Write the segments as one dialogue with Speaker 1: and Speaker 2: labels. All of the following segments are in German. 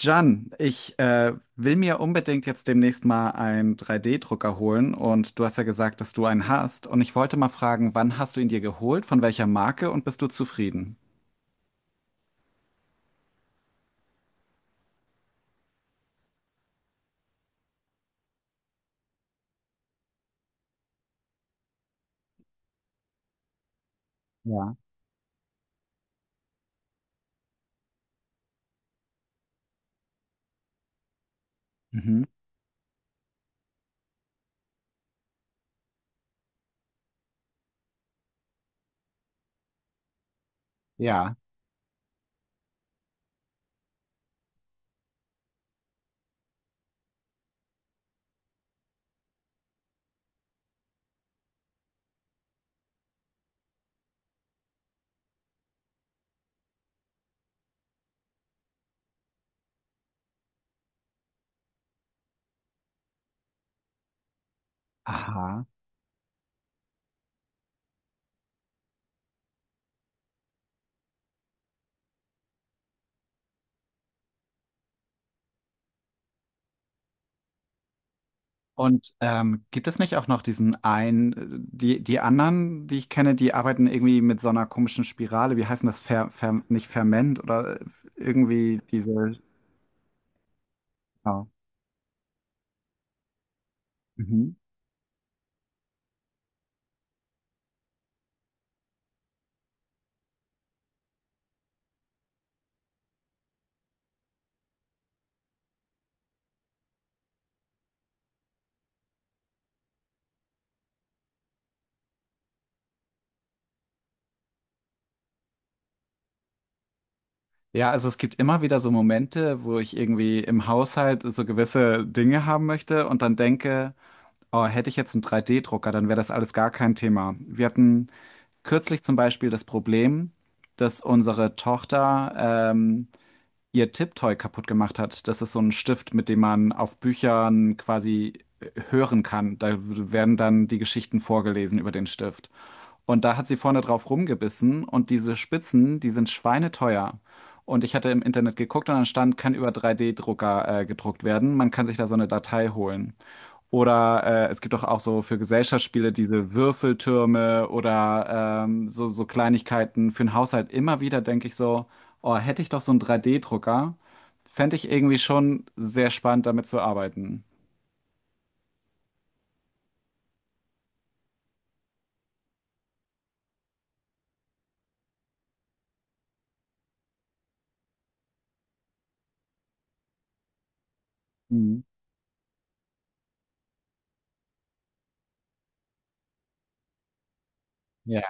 Speaker 1: Jan, ich will mir unbedingt jetzt demnächst mal einen 3D-Drucker holen und du hast ja gesagt, dass du einen hast und ich wollte mal fragen, wann hast du ihn dir geholt, von welcher Marke und bist du zufrieden? Ja. Mhm. Ja. Aha. Und gibt es nicht auch noch diesen einen, die anderen, die ich kenne, die arbeiten irgendwie mit so einer komischen Spirale, wie heißt denn das, nicht Ferment oder irgendwie diese. Ja. Mhm. Ja, also es gibt immer wieder so Momente, wo ich irgendwie im Haushalt so gewisse Dinge haben möchte und dann denke, oh, hätte ich jetzt einen 3D-Drucker, dann wäre das alles gar kein Thema. Wir hatten kürzlich zum Beispiel das Problem, dass unsere Tochter ähm, ihr Tipptoy kaputt gemacht hat. Das ist so ein Stift, mit dem man auf Büchern quasi hören kann. Da werden dann die Geschichten vorgelesen über den Stift. Und da hat sie vorne drauf rumgebissen und diese Spitzen, die sind schweineteuer. Und ich hatte im Internet geguckt und dann stand, kann über 3D-Drucker gedruckt werden. Man kann sich da so eine Datei holen. Oder es gibt doch auch so für Gesellschaftsspiele diese Würfeltürme oder so, so Kleinigkeiten für den Haushalt. Immer wieder denke ich so, oh, hätte ich doch so einen 3D-Drucker, fände ich irgendwie schon sehr spannend, damit zu arbeiten. Mhm. Ja,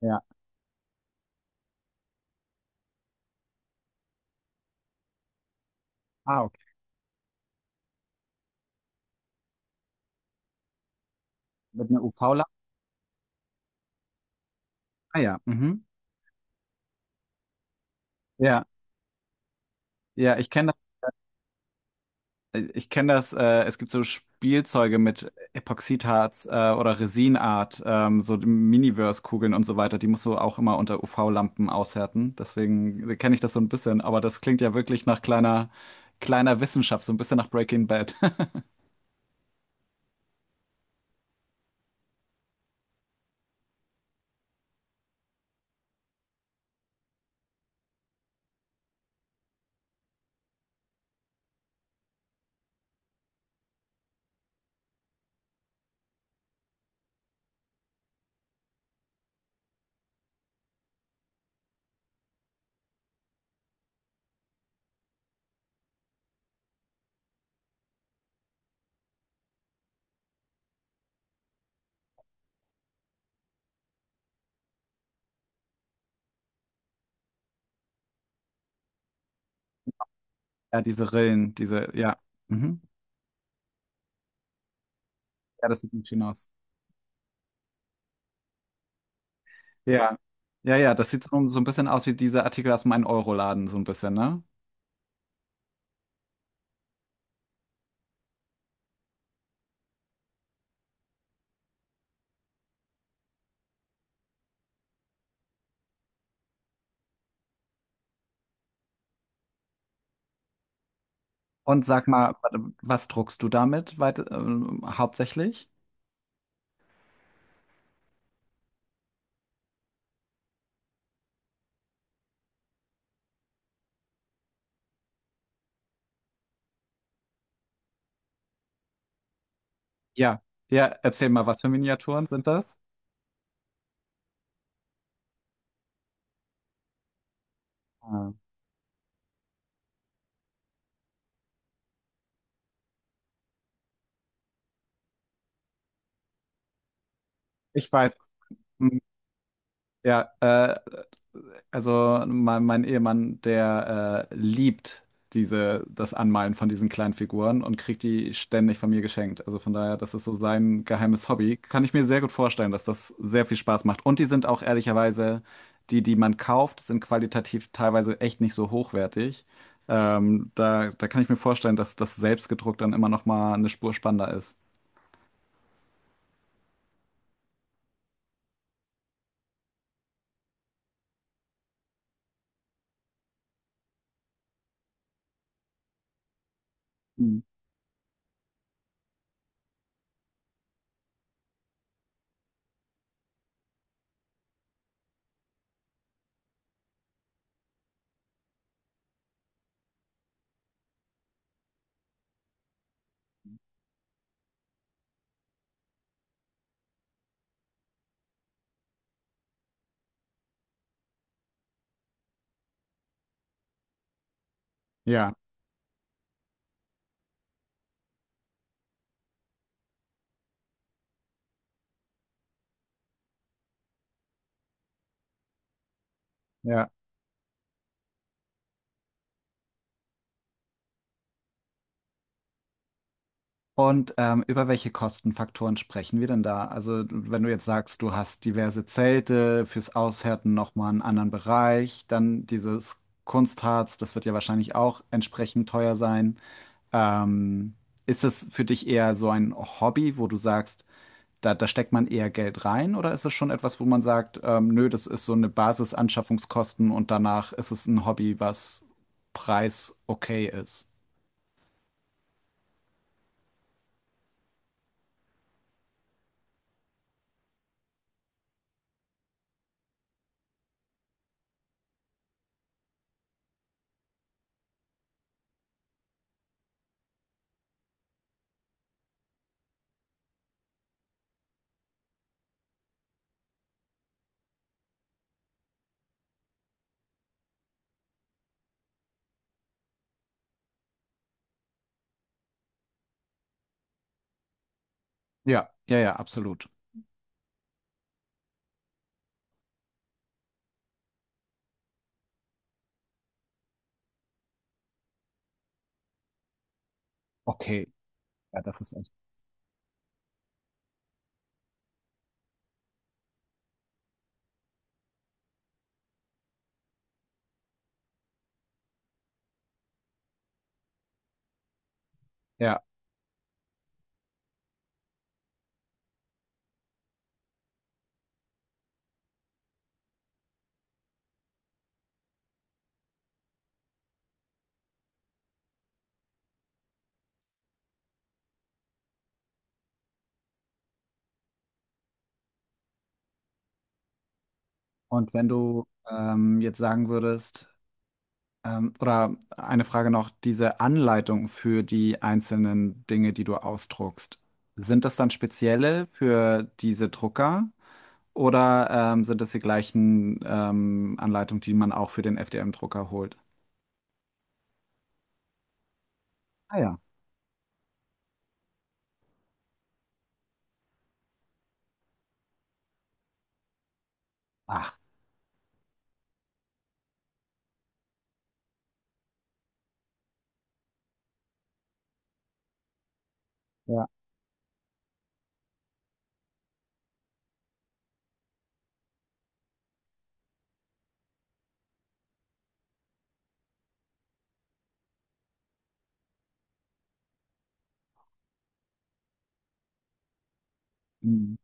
Speaker 1: ja. Ah, okay. Mit einer UV-Lampe? Ah ja. Mhm. Ja, ja, ich kenne Ich kenne das, es gibt so Spielzeuge mit Epoxidharz oder Resinart, so Miniverse-Kugeln und so weiter, die musst du auch immer unter UV-Lampen aushärten. Deswegen kenne ich das so ein bisschen, aber das klingt ja wirklich nach kleiner, kleiner Wissenschaft, so ein bisschen nach Breaking Bad. Ja, diese Rillen, diese, ja. Mhm. Ja, das sieht nicht schön aus. Ja. Ja, ja, das sieht so, so ein bisschen aus wie diese Artikel aus meinem Euroladen, so ein bisschen, ne? Und sag mal, warte, was druckst du damit weit, hauptsächlich? Ja, ja, erzähl mal, was für Miniaturen sind das? Ah. Ich weiß. Hm. Ja, also mein Ehemann, der liebt diese, das Anmalen von diesen kleinen Figuren und kriegt die ständig von mir geschenkt. Also von daher, das ist so sein geheimes Hobby. Kann ich mir sehr gut vorstellen, dass das sehr viel Spaß macht. Und die sind auch ehrlicherweise, die, die man kauft, sind qualitativ teilweise echt nicht so hochwertig. Da kann ich mir vorstellen, dass das selbstgedruckt dann immer noch mal eine Spur spannender ist. Ja, ja. Und über welche Kostenfaktoren sprechen wir denn da? Also, wenn du jetzt sagst, du hast diverse Zelte fürs Aushärten nochmal einen anderen Bereich, dann dieses Kunstharz, das wird ja wahrscheinlich auch entsprechend teuer sein. Ähm, ist es für dich eher so ein Hobby, wo du sagst, da steckt man eher Geld rein, oder ist es schon etwas, wo man sagt, nö, das ist so eine Basisanschaffungskosten und danach ist es ein Hobby, was preis okay ist? Ja, ja, ja, absolut. Okay, ja, das ist echt. Ja, und wenn du jetzt sagen würdest, oder eine Frage noch, diese Anleitung für die einzelnen Dinge, die du ausdruckst, sind das dann spezielle für diese Drucker oder sind das die gleichen Anleitungen, die man auch für den FDM-Drucker holt? Ah ja. Ach, ja. Mhm.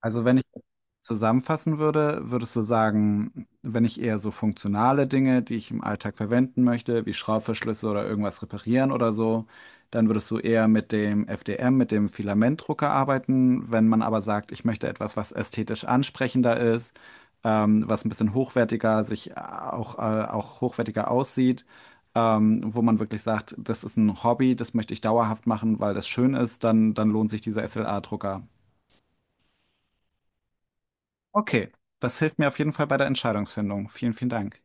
Speaker 1: Also wenn zusammenfassen würde, würdest du sagen, wenn ich eher so funktionale Dinge, die ich im Alltag verwenden möchte, wie Schraubverschlüsse oder irgendwas reparieren oder so, dann würdest du eher mit dem FDM, mit dem Filamentdrucker arbeiten. Wenn man aber sagt, ich möchte etwas, was ästhetisch ansprechender ist, was ein bisschen hochwertiger sich auch hochwertiger aussieht, wo man wirklich sagt, das ist ein Hobby, das möchte ich dauerhaft machen, weil das schön ist, dann, dann lohnt sich dieser SLA-Drucker. Okay, das hilft mir auf jeden Fall bei der Entscheidungsfindung. Vielen, vielen Dank.